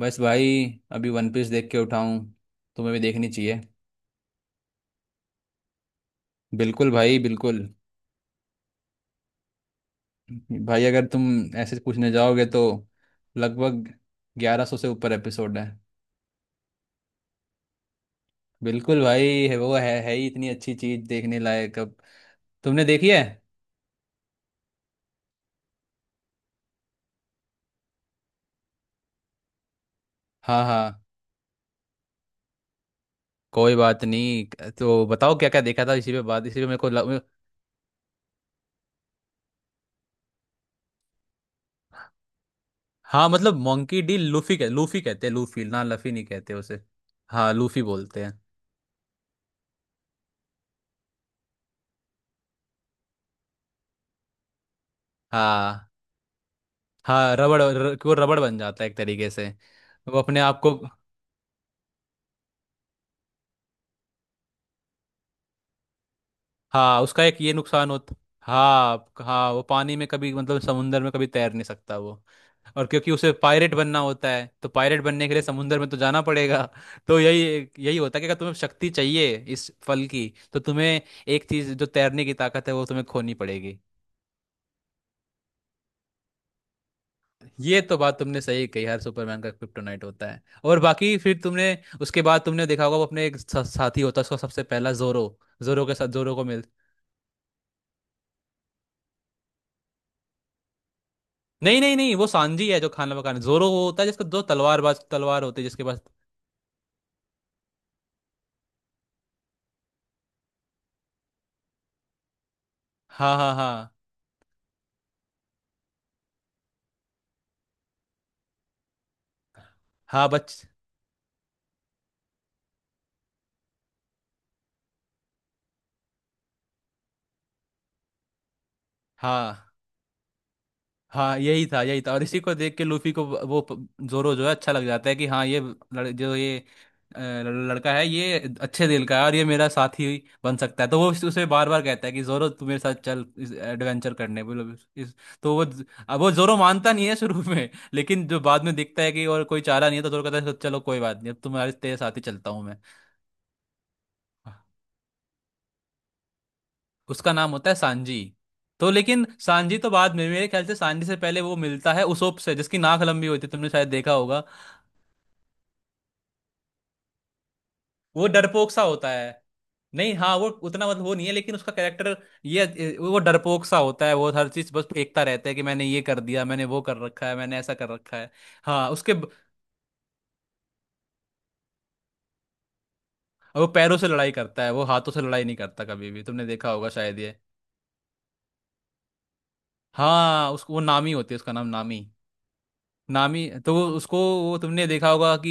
बस भाई। अभी वन पीस देख के उठाऊं। तुम्हें भी देखनी चाहिए। बिल्कुल भाई, बिल्कुल। भाई अगर तुम ऐसे पूछने जाओगे तो लगभग 1100 से ऊपर एपिसोड है। बिल्कुल भाई, है वो, है ही इतनी अच्छी चीज, देखने लायक। अब तुमने देखी है? हाँ हाँ, कोई बात नहीं। तो बताओ क्या क्या देखा था? इसी पे बात, इसी पे मेरे को हाँ मतलब मोंकी डी लूफी, कह लूफी कहते हैं, लूफी ना, लफी नहीं कहते उसे। हाँ लूफी बोलते हैं। हाँ हाँ, कि वो रबड़ बन जाता है एक तरीके से। वो अपने आप को। हाँ उसका एक ये नुकसान होता। हाँ हाँ, वो पानी में कभी, मतलब समुंदर में कभी तैर नहीं सकता वो। और क्योंकि उसे पायरेट बनना होता है, तो पायरेट बनने के लिए समुंदर में तो जाना पड़ेगा। तो यही यही होता है कि अगर तुम्हें शक्ति चाहिए इस फल की, तो तुम्हें एक चीज़, जो तैरने की ताकत है, वो तुम्हें खोनी पड़ेगी। ये तो बात तुमने सही कही, हर सुपरमैन का क्रिप्टोनाइट होता है। और बाकी फिर तुमने, उसके बाद तुमने देखा होगा वो अपने एक साथी होता है उसका, सबसे पहला जोरो। जोरो के साथ जोरो को मिल, नहीं नहीं नहीं, वो सांजी है जो खाना पकाने। जोरो वो होता है जिसका दो तलवार, बाज तलवार होती है जिसके पास। हाँ हाँ हाँ। हाँ बच, हाँ हाँ, यही था, यही था। और इसी को देख के लूफी को, जोरो जो है अच्छा लग जाता है कि हाँ ये जो ये लड़का है, ये अच्छे दिल का है और ये मेरा साथी बन सकता है। तो वो उसे बार बार कहता है कि जोरो तू मेरे साथ चल, इस एडवेंचर करने बोलो इस। तो वो, अब वो जोरो मानता नहीं है शुरू में। लेकिन जो बाद में दिखता है कि और कोई चारा नहीं है, तो जोरो कहता है चलो कोई बात नहीं, अब तुम्हारे तेरे साथ ही चलता हूँ मैं। उसका नाम होता है सांजी। तो लेकिन सांजी तो बाद में, मेरे ख्याल से सांजी से पहले वो मिलता है उसोप से, जिसकी नाक लंबी होती है, तुमने शायद देखा होगा। वो डरपोक सा होता है। नहीं, हाँ वो उतना, मतलब वो नहीं है, लेकिन उसका कैरेक्टर, ये वो डरपोक सा होता है। वो हर चीज बस फेंकता रहता है कि मैंने ये कर दिया, मैंने वो कर रखा है, मैंने ऐसा कर रखा है। हाँ वो पैरों से लड़ाई करता है, वो हाथों से लड़ाई नहीं करता कभी भी, तुमने देखा होगा शायद ये। हाँ उसको वो नामी होती है, उसका नाम नामी। नामी तो, वो उसको, वो तुमने देखा होगा कि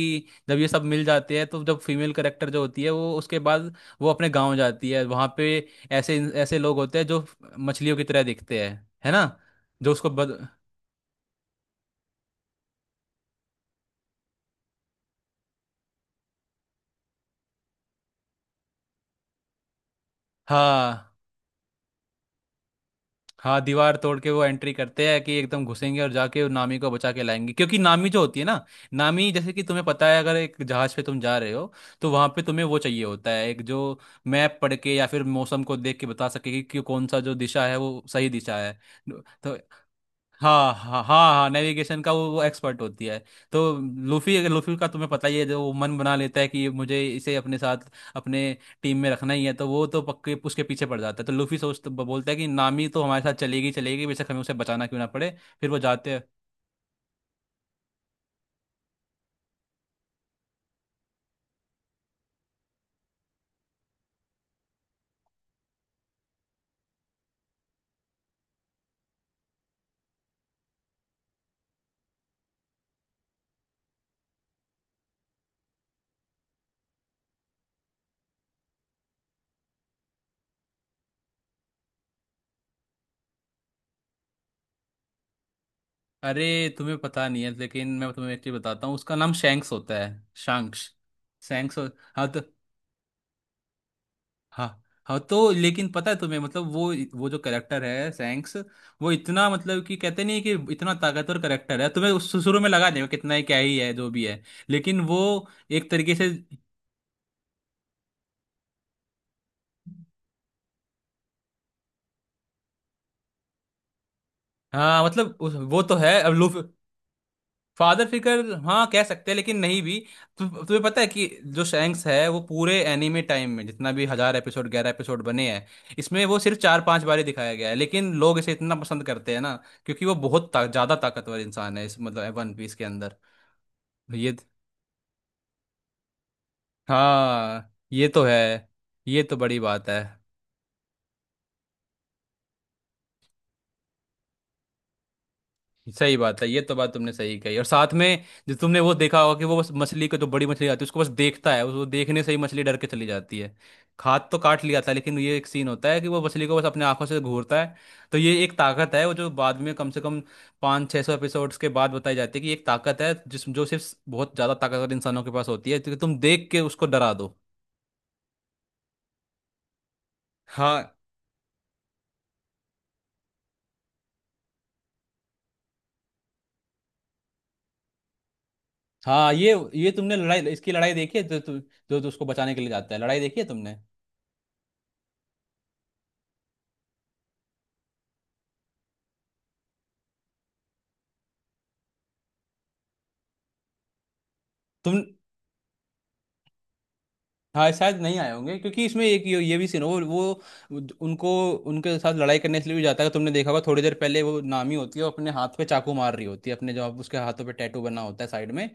जब ये सब मिल जाते हैं, तो जब फीमेल करेक्टर जो होती है वो, उसके बाद वो अपने गांव जाती है, वहां पे ऐसे ऐसे लोग होते हैं जो मछलियों की तरह दिखते हैं, है ना। जो उसको हाँ हाँ, दीवार तोड़ के वो एंट्री करते हैं, कि एकदम घुसेंगे और जाके नामी को बचा के लाएंगे। क्योंकि नामी जो होती है ना, नामी, जैसे कि तुम्हें पता है, अगर एक जहाज पे तुम जा रहे हो, तो वहां पे तुम्हें वो चाहिए होता है एक जो मैप पढ़ के या फिर मौसम को देख के बता सके कि कौन सा जो दिशा है वो सही दिशा है। तो हाँ हाँ हाँ हाँ, नेविगेशन का वो एक्सपर्ट होती है। तो लूफी, लूफी का तुम्हें पता ही है, जो वो मन बना लेता है कि मुझे इसे अपने साथ, अपने टीम में रखना ही है, तो वो तो पक्के उसके पीछे पड़ जाता है। तो लूफी सोच बोलता है कि नामी तो हमारे साथ चलेगी, चलेगी, बेशक हमें उसे बचाना क्यों ना पड़े। फिर वो जाते हैं। अरे तुम्हें पता नहीं है, लेकिन मैं तुम्हें एक चीज बताता हूँ, उसका नाम शैंक्स होता है। शांक्स। शैंक्स हो- हाँ तो, हाँ हाँ तो लेकिन पता है तुम्हें, मतलब वो जो करेक्टर है सैंक्स, वो इतना, मतलब कि कहते नहीं, कि इतना ताकतवर करेक्टर है, तुम्हें शुरू में लगा देगा कितना ही क्या ही है जो भी है, लेकिन वो एक तरीके से। हाँ मतलब वो तो है, अब लोग, फादर फिगर हाँ कह सकते हैं, लेकिन नहीं भी। तुम्हें पता है कि जो सैंक्स है, वो पूरे एनीमे टाइम में जितना भी 1000 एपिसोड, ग्यारह एपिसोड बने हैं, इसमें वो सिर्फ 4-5 बार ही दिखाया गया है, लेकिन लोग इसे इतना पसंद करते हैं ना, क्योंकि वो बहुत ज्यादा ताकतवर इंसान है इस, मतलब वन पीस के अंदर। ये तो, हाँ ये तो है। ये तो बड़ी बात है, सही बात है, ये तो बात तुमने सही कही। और साथ में जो तुमने वो देखा होगा कि वो बस मछली को, जो बड़ी मछली आती है उसको बस देखता है, उसको देखने से ही मछली डर के चली जाती है। हाथ तो काट लिया था, लेकिन ये एक सीन होता है कि वो मछली को बस अपने आंखों से घूरता है। तो ये एक ताकत है वो, जो बाद में कम से कम 500-600 एपिसोड्स के बाद बताई जाती है, कि एक ताकत है जिस, जो सिर्फ बहुत ज़्यादा ताकतवर इंसानों के पास होती है, क्योंकि तुम देख के उसको डरा दो। हाँ हाँ, ये तुमने लड़ाई, इसकी लड़ाई देखी है, जो तो उसको बचाने के लिए जाता है, लड़ाई देखी है तुमने? तुम, हाँ शायद नहीं आए होंगे, क्योंकि इसमें एक ये भी सीन हो वो उनको, उनके साथ लड़ाई करने के लिए भी जाता है, तुमने देखा होगा। थोड़ी देर पहले वो नामी होती है, वो अपने हाथ पे चाकू मार रही होती है अपने, जो उसके हाथों पे टैटू बना होता है साइड में।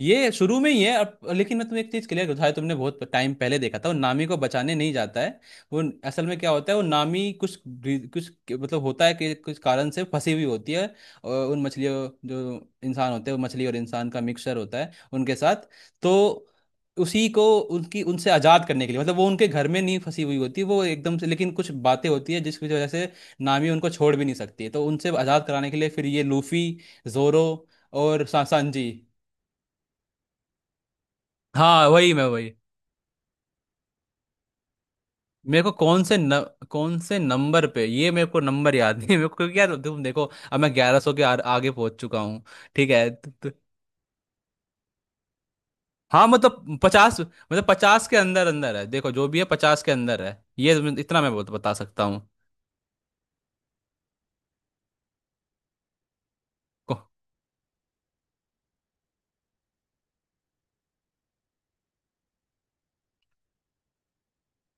ये शुरू में ही है अब। लेकिन मैं तुम्हें एक चीज क्लियर, शायद तुमने बहुत टाइम पहले देखा था, वो नामी को बचाने नहीं जाता है वो। असल में क्या होता है, वो नामी कुछ कुछ मतलब होता है, कि कुछ कारण से फंसी हुई होती है। और उन मछलियों, जो इंसान होते हैं, वो मछली और इंसान का मिक्सचर होता है, उनके साथ, तो उसी को, उनकी, उनसे आज़ाद करने के लिए। मतलब वो उनके घर में नहीं फंसी हुई होती वो एकदम से, लेकिन कुछ बातें होती है जिसकी वजह से नामी उनको छोड़ भी नहीं सकती है। तो उनसे आज़ाद कराने के लिए फिर ये लूफी, जोरो और सांजी। हाँ वही मैं वही, मेरे को कौन से न, कौन से नंबर पे, ये मेरे को नंबर याद नहीं है मेरे को, क्योंकि यार तुम देखो, अब मैं 1100 के आगे पहुंच चुका हूँ। ठीक है हाँ मतलब 50, मतलब पचास के अंदर अंदर है, देखो जो भी है 50 के अंदर है ये, इतना मैं बता बता सकता हूँ।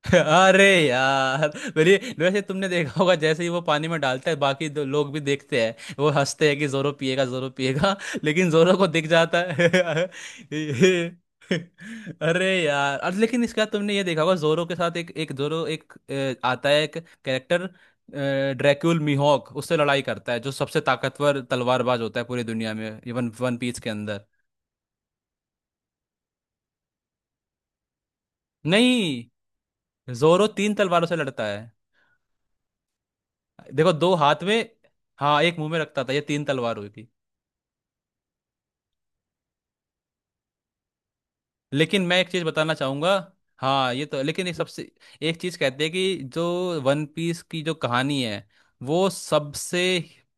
अरे यार, मेरी, वैसे तुमने देखा होगा जैसे ही वो पानी में डालता है, बाकी दो लोग भी देखते हैं वो हंसते हैं, कि जोरो पिएगा जोरो पिएगा, लेकिन जोरो को दिख जाता है। अरे यार, और लेकिन इसका तुमने ये देखा होगा जोरो के साथ, एक एक जोरो एक आता है एक कैरेक्टर, ड्रैक्यूल मिहोक, उससे लड़ाई करता है, जो सबसे ताकतवर तलवारबाज होता है पूरी दुनिया में, इवन वन पीस के अंदर। नहीं, जोरो तीन तलवारों से लड़ता है। देखो दो हाथ में, हाँ एक मुंह में रखता था, ये तीन तलवार होगी। लेकिन मैं एक चीज बताना चाहूंगा, हाँ ये तो। लेकिन एक सबसे, एक चीज कहते हैं कि जो वन पीस की जो कहानी है, वो सबसे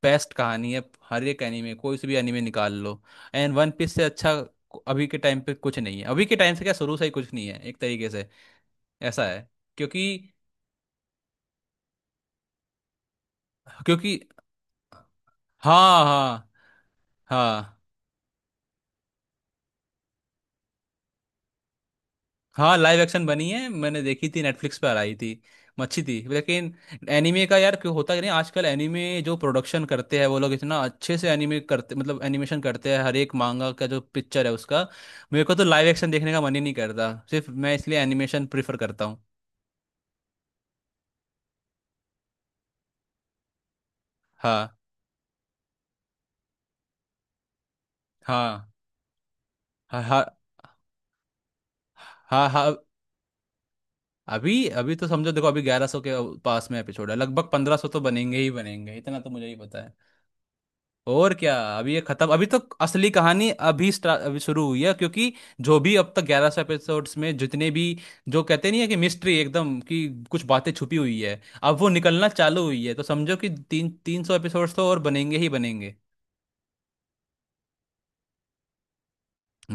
बेस्ट कहानी है। हर एक एनीमे, कोई से भी एनीमे निकाल लो, एंड वन पीस से अच्छा अभी के टाइम पे कुछ नहीं है। अभी के टाइम से क्या, शुरू से ही कुछ नहीं है एक तरीके से ऐसा है, क्योंकि, क्योंकि, हाँ हाँ हाँ हाँ, लाइव एक्शन बनी है, मैंने देखी थी, नेटफ्लिक्स पर आई थी, अच्छी थी लेकिन, एनीमे का यार क्यों होता ही नहीं। आजकल एनीमे जो प्रोडक्शन करते हैं वो लोग इतना अच्छे से एनीमे करते, मतलब एनिमेशन करते हैं हर एक मांगा का जो पिक्चर है उसका। मेरे को तो लाइव एक्शन देखने का मन ही नहीं करता, सिर्फ मैं इसलिए एनिमेशन प्रिफर करता हूँ। हाँ हाँ हाँ हाँ हाँ हाँ, अभी, अभी तो समझो देखो, अभी ग्यारह सौ के पास में एपिसोड है, लगभग 1500 तो बनेंगे ही बनेंगे, इतना तो मुझे ही पता है। और क्या, अभी ये खत्म, अभी तो असली कहानी अभी अभी शुरू हुई है, क्योंकि जो भी अब तक 1100 एपिसोड्स में जितने भी, जो कहते नहीं है कि मिस्ट्री एकदम, कि कुछ बातें छुपी हुई है अब वो निकलना चालू हुई है, तो समझो कि तीन 300 एपिसोड्स तो और बनेंगे ही बनेंगे।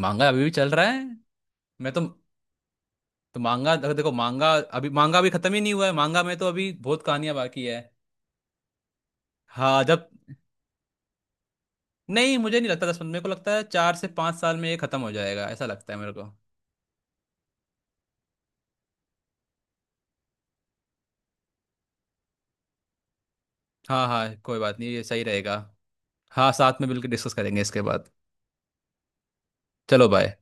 मांगा अभी भी चल रहा है। मैं तो मांगा, देखो देखो, मांगा, अभी मांगा अभी खत्म ही नहीं हुआ है, मांगा में तो अभी बहुत कहानियां बाकी है। हाँ जब, नहीं मुझे नहीं लगता 10-15, मेरे को लगता है 4 से 5 साल में ये खत्म हो जाएगा, ऐसा लगता है मेरे को। हाँ हाँ, कोई बात नहीं, ये सही रहेगा। हाँ, साथ में मिलकर डिस्कस करेंगे इसके बाद। चलो बाय।